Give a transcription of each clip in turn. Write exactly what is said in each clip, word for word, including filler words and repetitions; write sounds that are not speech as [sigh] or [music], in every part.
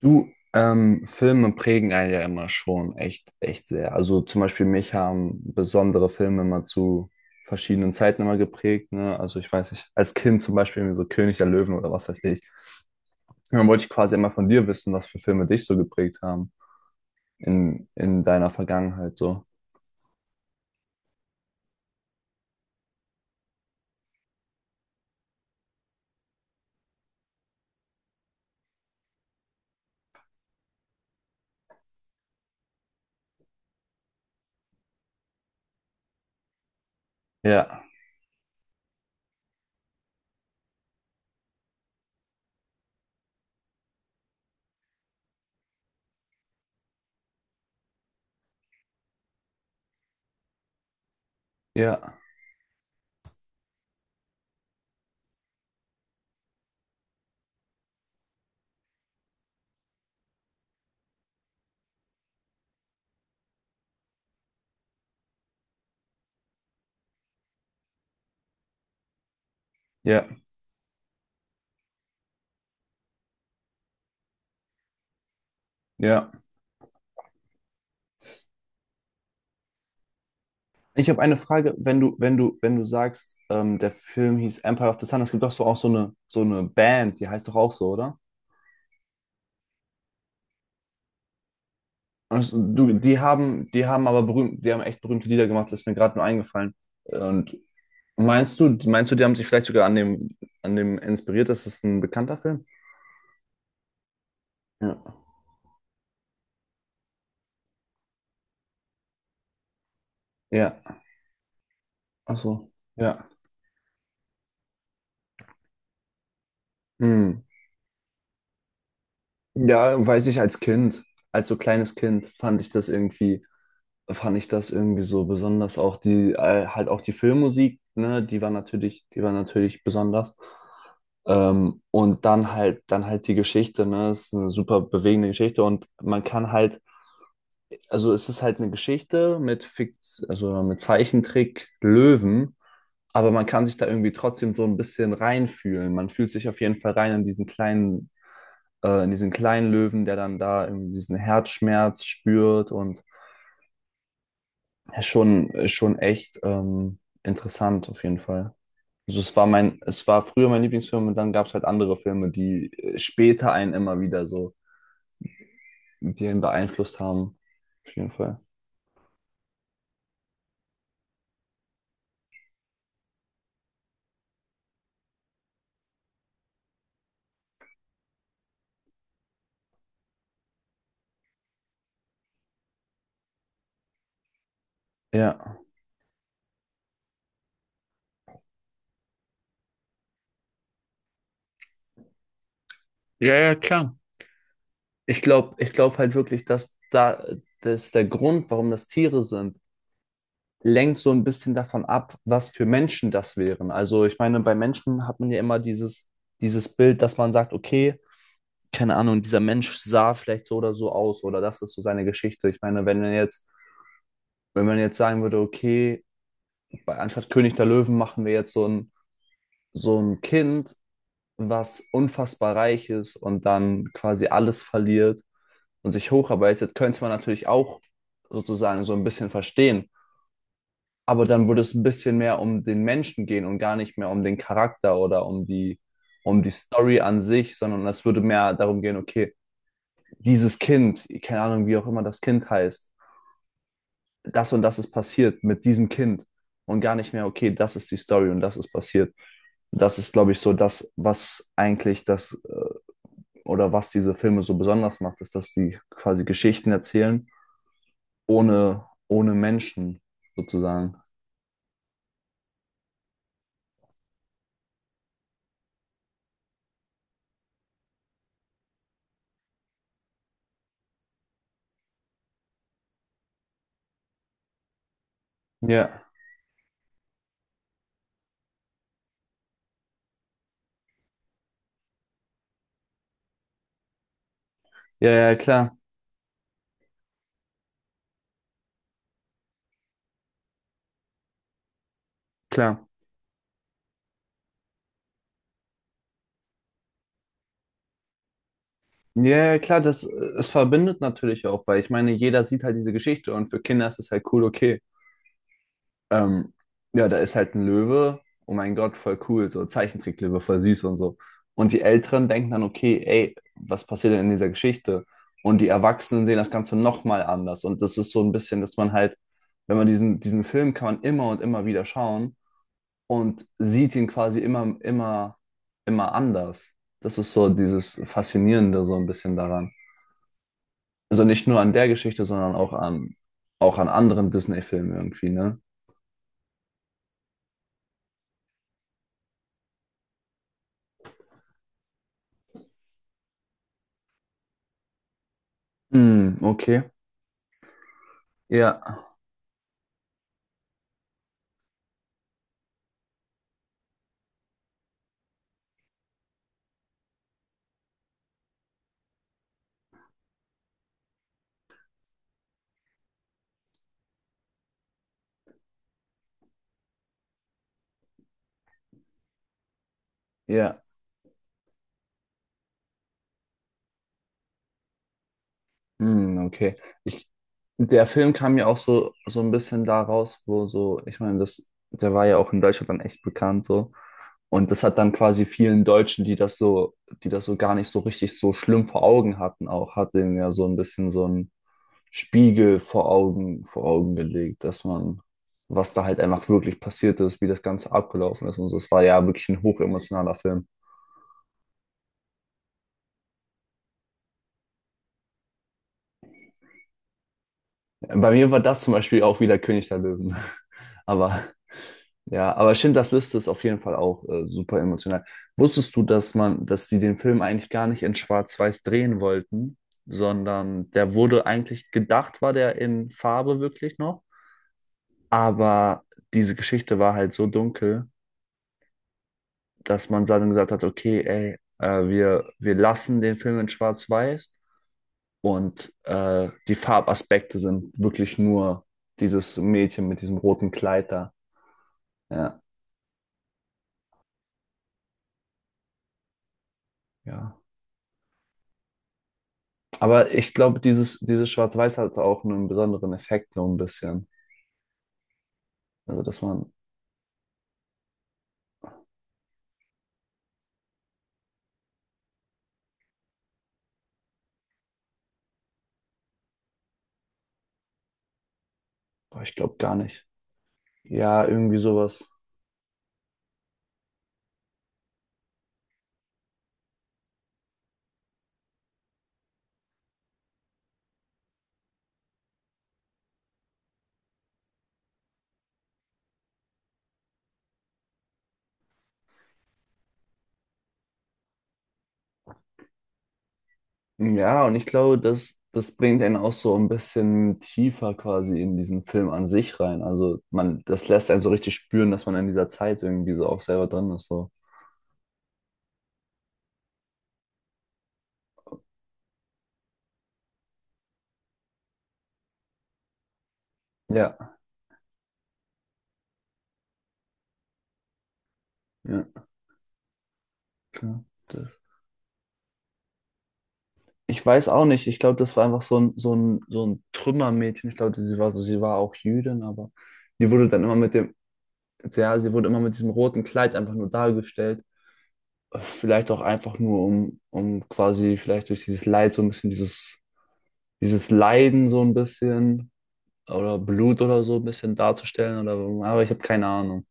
Du, ähm, Filme prägen einen ja immer schon echt, echt sehr. Also zum Beispiel mich haben besondere Filme immer zu verschiedenen Zeiten immer geprägt, ne? Also ich weiß nicht, als Kind zum Beispiel irgendwie so König der Löwen oder was weiß ich. Und dann wollte ich quasi immer von dir wissen, was für Filme dich so geprägt haben in, in deiner Vergangenheit so. Ja, ja, ja, ja. Ich habe eine Frage, wenn du, wenn du, wenn du sagst, ähm, der Film hieß Empire of the Sun, es gibt doch so auch so eine, so eine Band, die heißt doch auch so, oder? Also, du, die haben, die haben aber berühmt, die haben echt berühmte Lieder gemacht, das ist mir gerade nur eingefallen. Und meinst du, meinst du, die haben sich vielleicht sogar an dem, an dem inspiriert? Das ist ein bekannter Film? Ja. Ja. Ach so. Ja. Hm. Ja, weiß ich, als Kind, als so kleines Kind fand ich das irgendwie, fand ich das irgendwie so besonders. Auch die, äh, halt auch die Filmmusik, ne, die war natürlich, die war natürlich besonders. Ähm, und dann halt, dann halt die Geschichte, ne, ist eine super bewegende Geschichte und man kann halt. Also es ist halt eine Geschichte mit Fikt, also mit Zeichentrick Löwen, aber man kann sich da irgendwie trotzdem so ein bisschen reinfühlen. Man fühlt sich auf jeden Fall rein in diesen kleinen, äh, in diesen kleinen Löwen, der dann da irgendwie diesen Herzschmerz spürt und ist schon, ist schon echt ähm, interessant auf jeden Fall. Also es war mein, es war früher mein Lieblingsfilm und dann gab es halt andere Filme, die äh, später einen immer wieder so, die einen beeinflusst haben. Auf jeden Fall. Ja. Ja, ja, klar. Ich glaube, ich glaube halt wirklich, dass da, dass der Grund, warum das Tiere sind, lenkt so ein bisschen davon ab, was für Menschen das wären. Also ich meine, bei Menschen hat man ja immer dieses, dieses Bild, dass man sagt, okay, keine Ahnung, dieser Mensch sah vielleicht so oder so aus oder das ist so seine Geschichte. Ich meine, wenn man jetzt, wenn man jetzt sagen würde, okay, bei, anstatt König der Löwen machen wir jetzt so ein, so ein Kind, was unfassbar reich ist und dann quasi alles verliert und sich hocharbeitet, könnte man natürlich auch sozusagen so ein bisschen verstehen. Aber dann würde es ein bisschen mehr um den Menschen gehen und gar nicht mehr um den Charakter oder um die, um die Story an sich, sondern es würde mehr darum gehen, okay, dieses Kind, keine Ahnung, wie auch immer das Kind heißt, das und das ist passiert mit diesem Kind und gar nicht mehr, okay, das ist die Story und das ist passiert. Das ist, glaube ich, so das, was eigentlich das äh, oder was diese Filme so besonders macht, ist, dass die quasi Geschichten erzählen ohne, ohne Menschen sozusagen. Ja, ja, ja, klar, klar. Ja, ja, klar, das, es verbindet natürlich auch, weil ich meine, jeder sieht halt diese Geschichte und für Kinder ist es halt cool, okay. Ähm, ja, da ist halt ein Löwe, oh mein Gott, voll cool, so Zeichentricklöwe, voll süß und so. Und die Älteren denken dann, okay, ey, was passiert denn in dieser Geschichte? Und die Erwachsenen sehen das Ganze nochmal anders. Und das ist so ein bisschen, dass man halt, wenn man diesen, diesen Film kann man immer und immer wieder schauen und sieht ihn quasi immer, immer, immer anders. Das ist so dieses Faszinierende so ein bisschen daran. Also nicht nur an der Geschichte, sondern auch an, auch an anderen Disney-Filmen irgendwie, ne? Hm, okay. Ja, ja. Hm, okay. Ich, der Film kam ja auch so, so ein bisschen da raus, wo so, ich meine, das, der war ja auch in Deutschland dann echt bekannt so. Und das hat dann quasi vielen Deutschen, die das so, die das so gar nicht so richtig so schlimm vor Augen hatten, auch, hat denen ja so ein bisschen so ein, Spiegel vor Augen, vor Augen gelegt, dass man, was da halt einfach wirklich passiert ist, wie das Ganze abgelaufen ist und so. Es war ja wirklich ein hochemotionaler Film. Bei mir war das zum Beispiel auch wieder König der Löwen. [laughs] Aber ja, aber Schindlers Liste ist auf jeden Fall auch äh, super emotional. Wusstest du, dass man, dass die den Film eigentlich gar nicht in Schwarz-Weiß drehen wollten, sondern der wurde eigentlich gedacht, war der in Farbe wirklich noch? Aber diese Geschichte war halt so dunkel, dass man dann gesagt hat, okay, ey, äh, wir, wir lassen den Film in Schwarz-Weiß und äh, die Farbaspekte sind wirklich nur dieses Mädchen mit diesem roten Kleid da. Ja, ja. Aber ich glaube, dieses, dieses Schwarz-Weiß hat auch einen besonderen Effekt, so ein bisschen. Also, dass man, boah, ich glaube gar nicht. Ja, irgendwie sowas. Ja, und ich glaube, das, das bringt einen auch so ein bisschen tiefer quasi in diesen Film an sich rein. Also man, das lässt einen so richtig spüren, dass man in dieser Zeit irgendwie so auch selber drin ist. So. Ja, ja, klar. Das- Ich weiß auch nicht. Ich glaube, das war einfach so ein, so ein, so ein Trümmermädchen. Ich glaube, sie war so, sie war auch Jüdin, aber die wurde dann immer mit dem, ja, sie wurde immer mit diesem roten Kleid einfach nur dargestellt. Vielleicht auch einfach nur, um, um quasi vielleicht durch dieses Leid so ein bisschen dieses, dieses Leiden so ein bisschen oder Blut oder so ein bisschen darzustellen oder aber ich habe keine Ahnung.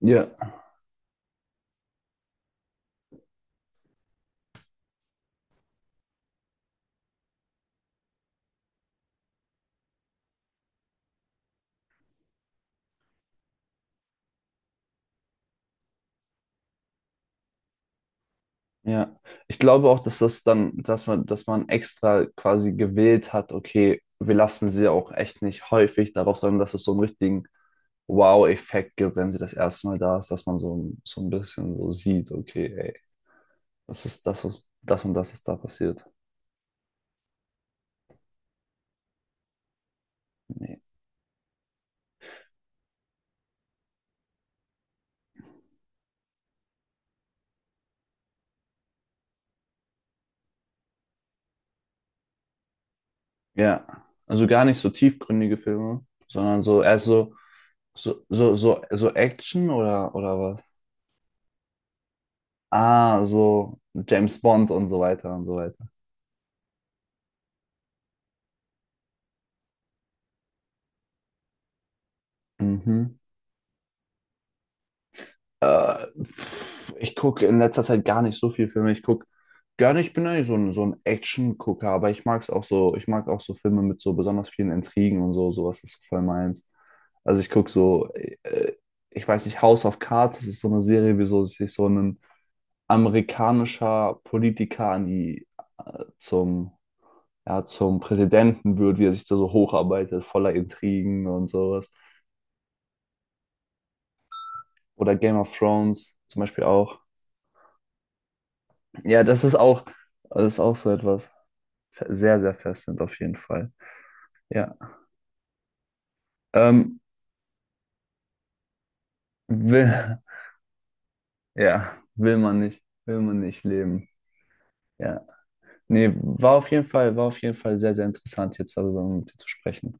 Ja, ja. Ich glaube auch, dass das dann, dass man, dass man extra quasi gewählt hat, okay, wir lassen sie auch echt nicht häufig darauf, sondern dass es so einen richtigen Wow-Effekt gibt, wenn sie das erste Mal da ist, dass man so, ein- so ein bisschen so sieht, okay, ey, das ist das, was, das und das ist da passiert. Nee. Ja. Also gar nicht so tiefgründige Filme, sondern so erst so, so, so, so, so Action oder, oder was? Ah, so James Bond und so weiter und so weiter. Mhm. Äh, pff, ich gucke in letzter Zeit gar nicht so viel Filme. Ich gucke gerne, ich bin eigentlich so ein, so ein Action-Gucker, aber ich mag es auch so, ich mag auch so Filme mit so besonders vielen Intrigen und so, sowas ist so voll meins. Also ich gucke so, äh, ich weiß nicht, House of Cards, das ist so eine Serie, wieso sich so ein amerikanischer Politiker an die äh, zum, ja, zum Präsidenten wird, wie er sich da so hocharbeitet, voller Intrigen und sowas. Oder Game of Thrones zum Beispiel auch. Ja, das ist auch, das ist auch so etwas sehr, sehr fesselnd auf jeden Fall. Ja. Ähm, will, [laughs] ja, will man nicht, will man nicht leben. Ja. Nee, war auf jeden Fall, war auf jeden Fall sehr, sehr interessant, jetzt darüber mit dir zu sprechen.